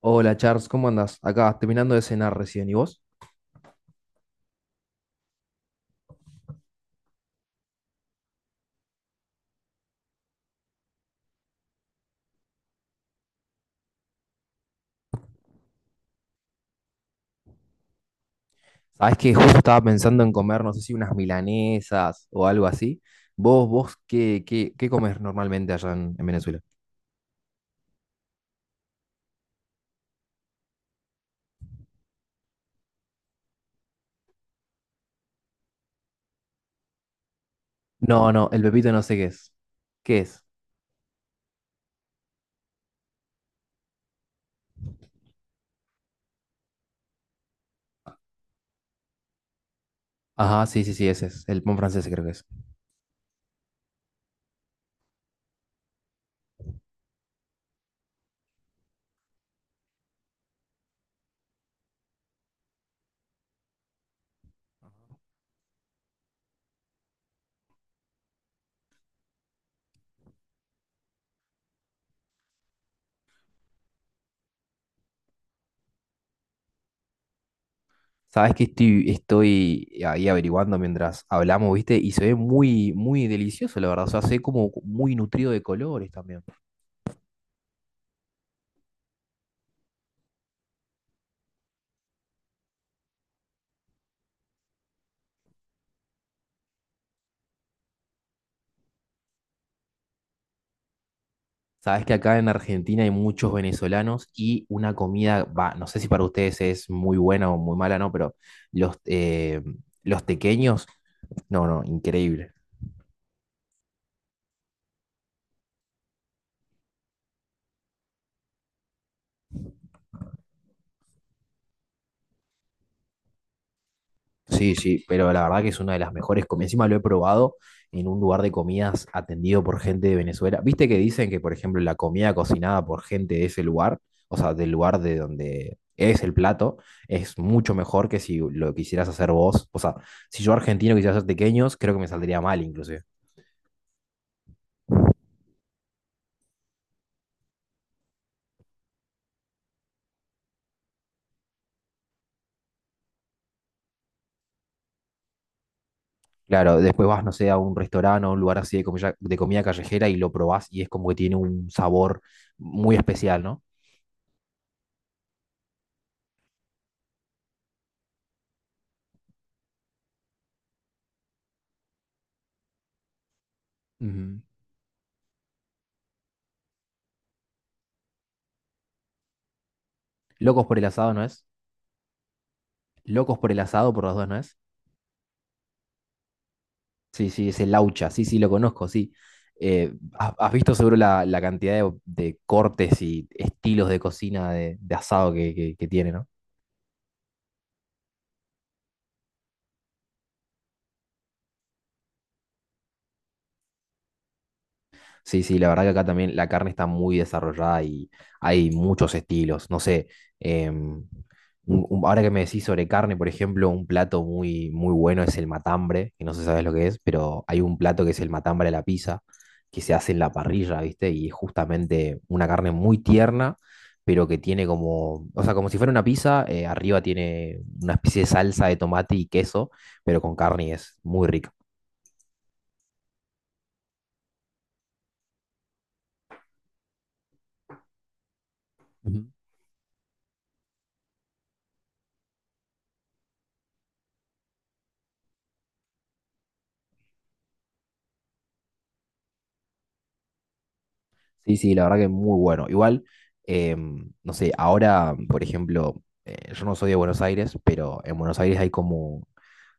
Hola Charles, ¿cómo andás? Acá, terminando de cenar recién. ¿Y vos? Sabés que justo estaba pensando en comer, no sé si unas milanesas o algo así. ¿Vos qué, qué comes normalmente allá en Venezuela? No, no, el pepito no sé qué es. ¿Qué es? Ajá, sí, sí, sí, ese es. El pan francés creo que es. Sabés que estoy ahí averiguando mientras hablamos, ¿viste? Y se ve muy, muy delicioso, la verdad. O sea, se ve como muy nutrido de colores también. Sabes que acá en Argentina hay muchos venezolanos y una comida, va, no sé si para ustedes es muy buena o muy mala, no, pero los, eh, los tequeños, no, no, increíble. Sí, sí, pero la verdad que es una de las mejores comidas. Encima lo he probado en un lugar de comidas atendido por gente de Venezuela. Viste que dicen que, por ejemplo, la comida cocinada por gente de ese lugar, o sea, del lugar de donde es el plato, es mucho mejor que si lo quisieras hacer vos. O sea, si yo argentino quisiera hacer tequeños, creo que me saldría mal inclusive. Claro, después vas, no sé, a un restaurante o a un lugar así de comida callejera y lo probás y es como que tiene un sabor muy especial, ¿no? Ujú. Locos por el asado, ¿no es? Locos por el asado, por las dos, ¿no es? Sí, sí, es el laucha, sí, sí, lo conozco, sí. Eh, has visto seguro la, la cantidad de cortes y estilos de cocina de asado que tiene, ¿no? Sí, sí, la verdad que acá también la carne está muy desarrollada y hay muchos estilos. No sé, em, ahora que me decís sobre carne, por ejemplo, un plato muy, muy bueno es el matambre, que no sé si sabes lo que es, pero hay un plato que es el matambre a la pizza, que se hace en la parrilla, ¿viste? Y es justamente una carne muy tierna, pero que tiene como, o sea, como si fuera una pizza, arriba tiene una especie de salsa de tomate y queso, pero con carne y es muy rica. Sí, sí, la verdad que es muy bueno. Igual, no sé, ahora, por ejemplo, yo no soy de Buenos Aires, pero en Buenos Aires hay como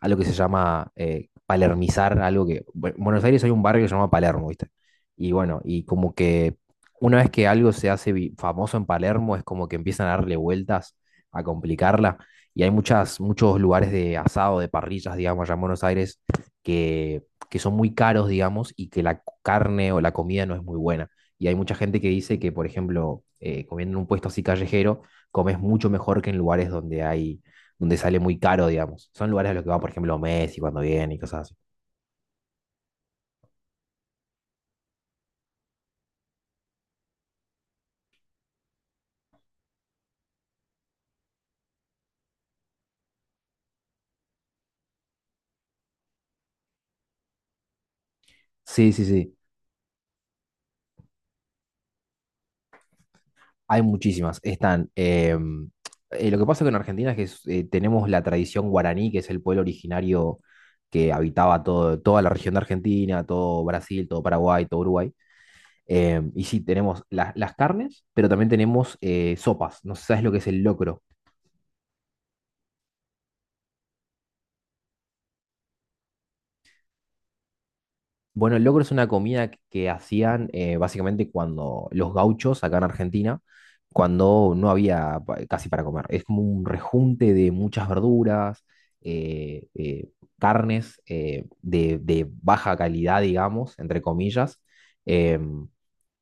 algo que se llama palermizar, algo que bueno, en Buenos Aires hay un barrio que se llama Palermo, ¿viste? Y bueno, y como que una vez que algo se hace famoso en Palermo, es como que empiezan a darle vueltas, a complicarla. Y hay muchas, muchos lugares de asado, de parrillas, digamos, allá en Buenos Aires, que, que son muy caros, digamos, y que la carne o la comida no es muy buena. Y hay mucha gente que dice que, por ejemplo, comiendo en un puesto así callejero, comes mucho mejor que en lugares donde hay, donde sale muy caro, digamos. Son lugares a los que va, por ejemplo, Messi cuando viene y cosas así. Sí, sí, sí. Hay muchísimas. Están. Lo que pasa con Argentina es que tenemos la tradición guaraní, que es el pueblo originario que habitaba todo, toda la región de Argentina, todo Brasil, todo Paraguay, todo Uruguay. Y sí, tenemos las carnes, pero también tenemos sopas. No sé si sabes lo que es el locro. Bueno, el locro es una comida que hacían básicamente cuando los gauchos acá en Argentina, cuando no había casi para comer. Es como un rejunte de muchas verduras, eh, eh, carnes de baja calidad, digamos, entre comillas. em,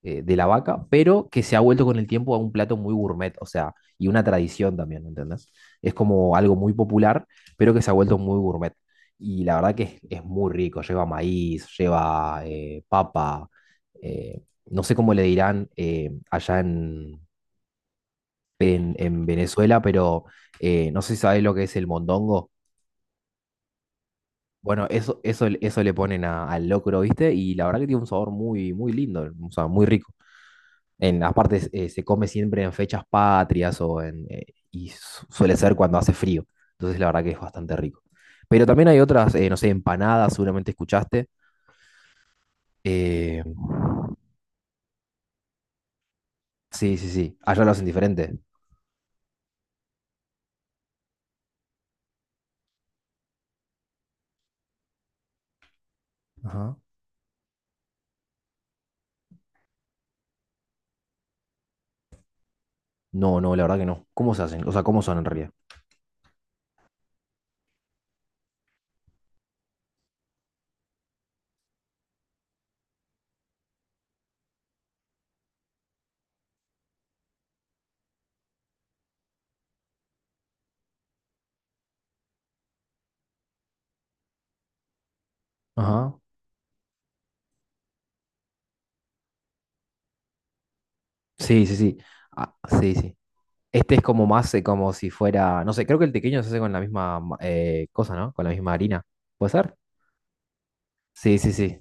de la vaca, pero que se ha vuelto con el tiempo a un plato muy gourmet, o sea, y una tradición también, ¿entendés? Es como algo muy popular, pero que se ha vuelto muy gourmet. Y la verdad que es muy rico, lleva maíz, lleva papa, eh, no sé cómo le dirán allá en, en Venezuela, pero no sé si sabés lo que es el mondongo. Bueno, eso le ponen al locro, ¿viste? Y la verdad que tiene un sabor muy, muy lindo, o sea, muy rico. En, aparte, se come siempre en fechas patrias o en, y suele ser cuando hace frío. Entonces, la verdad que es bastante rico. Pero también hay otras, no sé, empanadas, seguramente escuchaste. Eh, sí, sí, sí. Allá lo hacen diferente. Ajá. No, no, la verdad que no. ¿Cómo se hacen? O sea, ¿cómo son en realidad? Ajá. Sí, sí, sí. Ah, sí, sí. Este es como más, como si fuera, no sé, creo que el tequeño se hace con la misma cosa, ¿no? Con la misma harina. ¿Puede ser? Sí, sí, sí.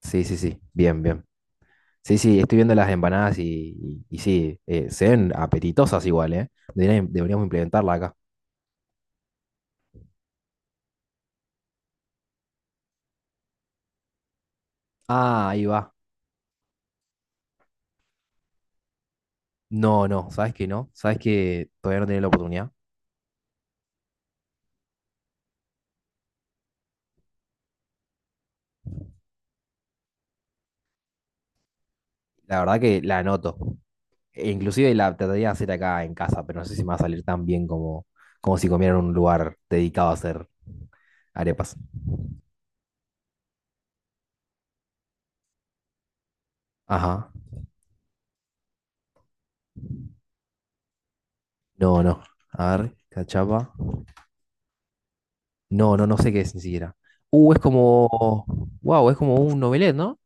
Sí, sí, sí. Bien, bien. Sí, sí, estoy viendo las empanadas y, y sí, se ven apetitosas igual, ¿eh? Deberíamos implementarla acá. Ah, ahí va. No, no, ¿sabes qué no? ¿Sabes que todavía no tiene la oportunidad? La verdad que la anoto. E inclusive la trataría de hacer acá en casa, pero no sé si me va a salir tan bien como, como si comiera en un lugar dedicado a hacer arepas. Ajá. No, no. A ver, cachapa. No, no, no sé qué es ni siquiera. Es como Wow, es como un novelet, ¿no?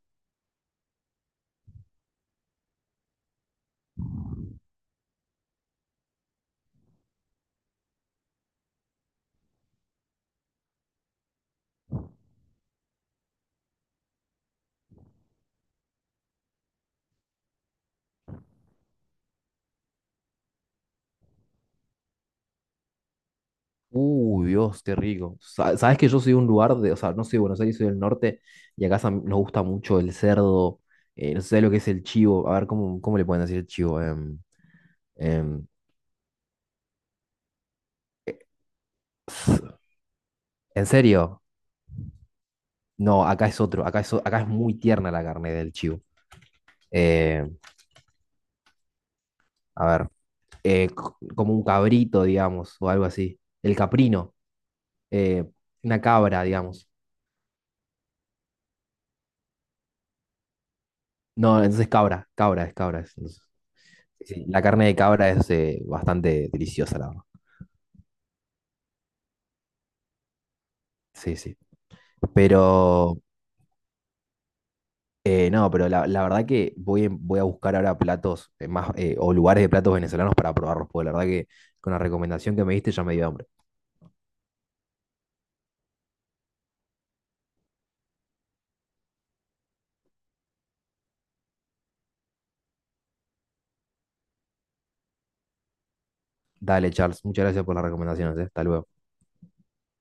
Uy, Dios, qué rico. Sabes que yo soy de un lugar de, o sea, no soy de Buenos Aires, soy del norte, y acá nos gusta mucho el cerdo, no sé lo que es el chivo, a ver cómo, cómo le pueden decir el chivo. Em, eh, ¿en serio? No, acá es otro, acá es, acá es muy tierna la carne del chivo. Eh, a ver, como un cabrito, digamos, o algo así. El caprino, eh, una cabra, digamos. No, entonces cabra, cabra es cabra. Entonces, sí, sí, la carne de cabra es bastante deliciosa, la verdad. Sí, sí. Pero no, pero la verdad que voy, voy a buscar ahora platos más o lugares de platos venezolanos para probarlos, porque la verdad que con la recomendación que me diste ya me dio hambre. Dale, Charles, muchas gracias por las recomendaciones, eh. Hasta luego.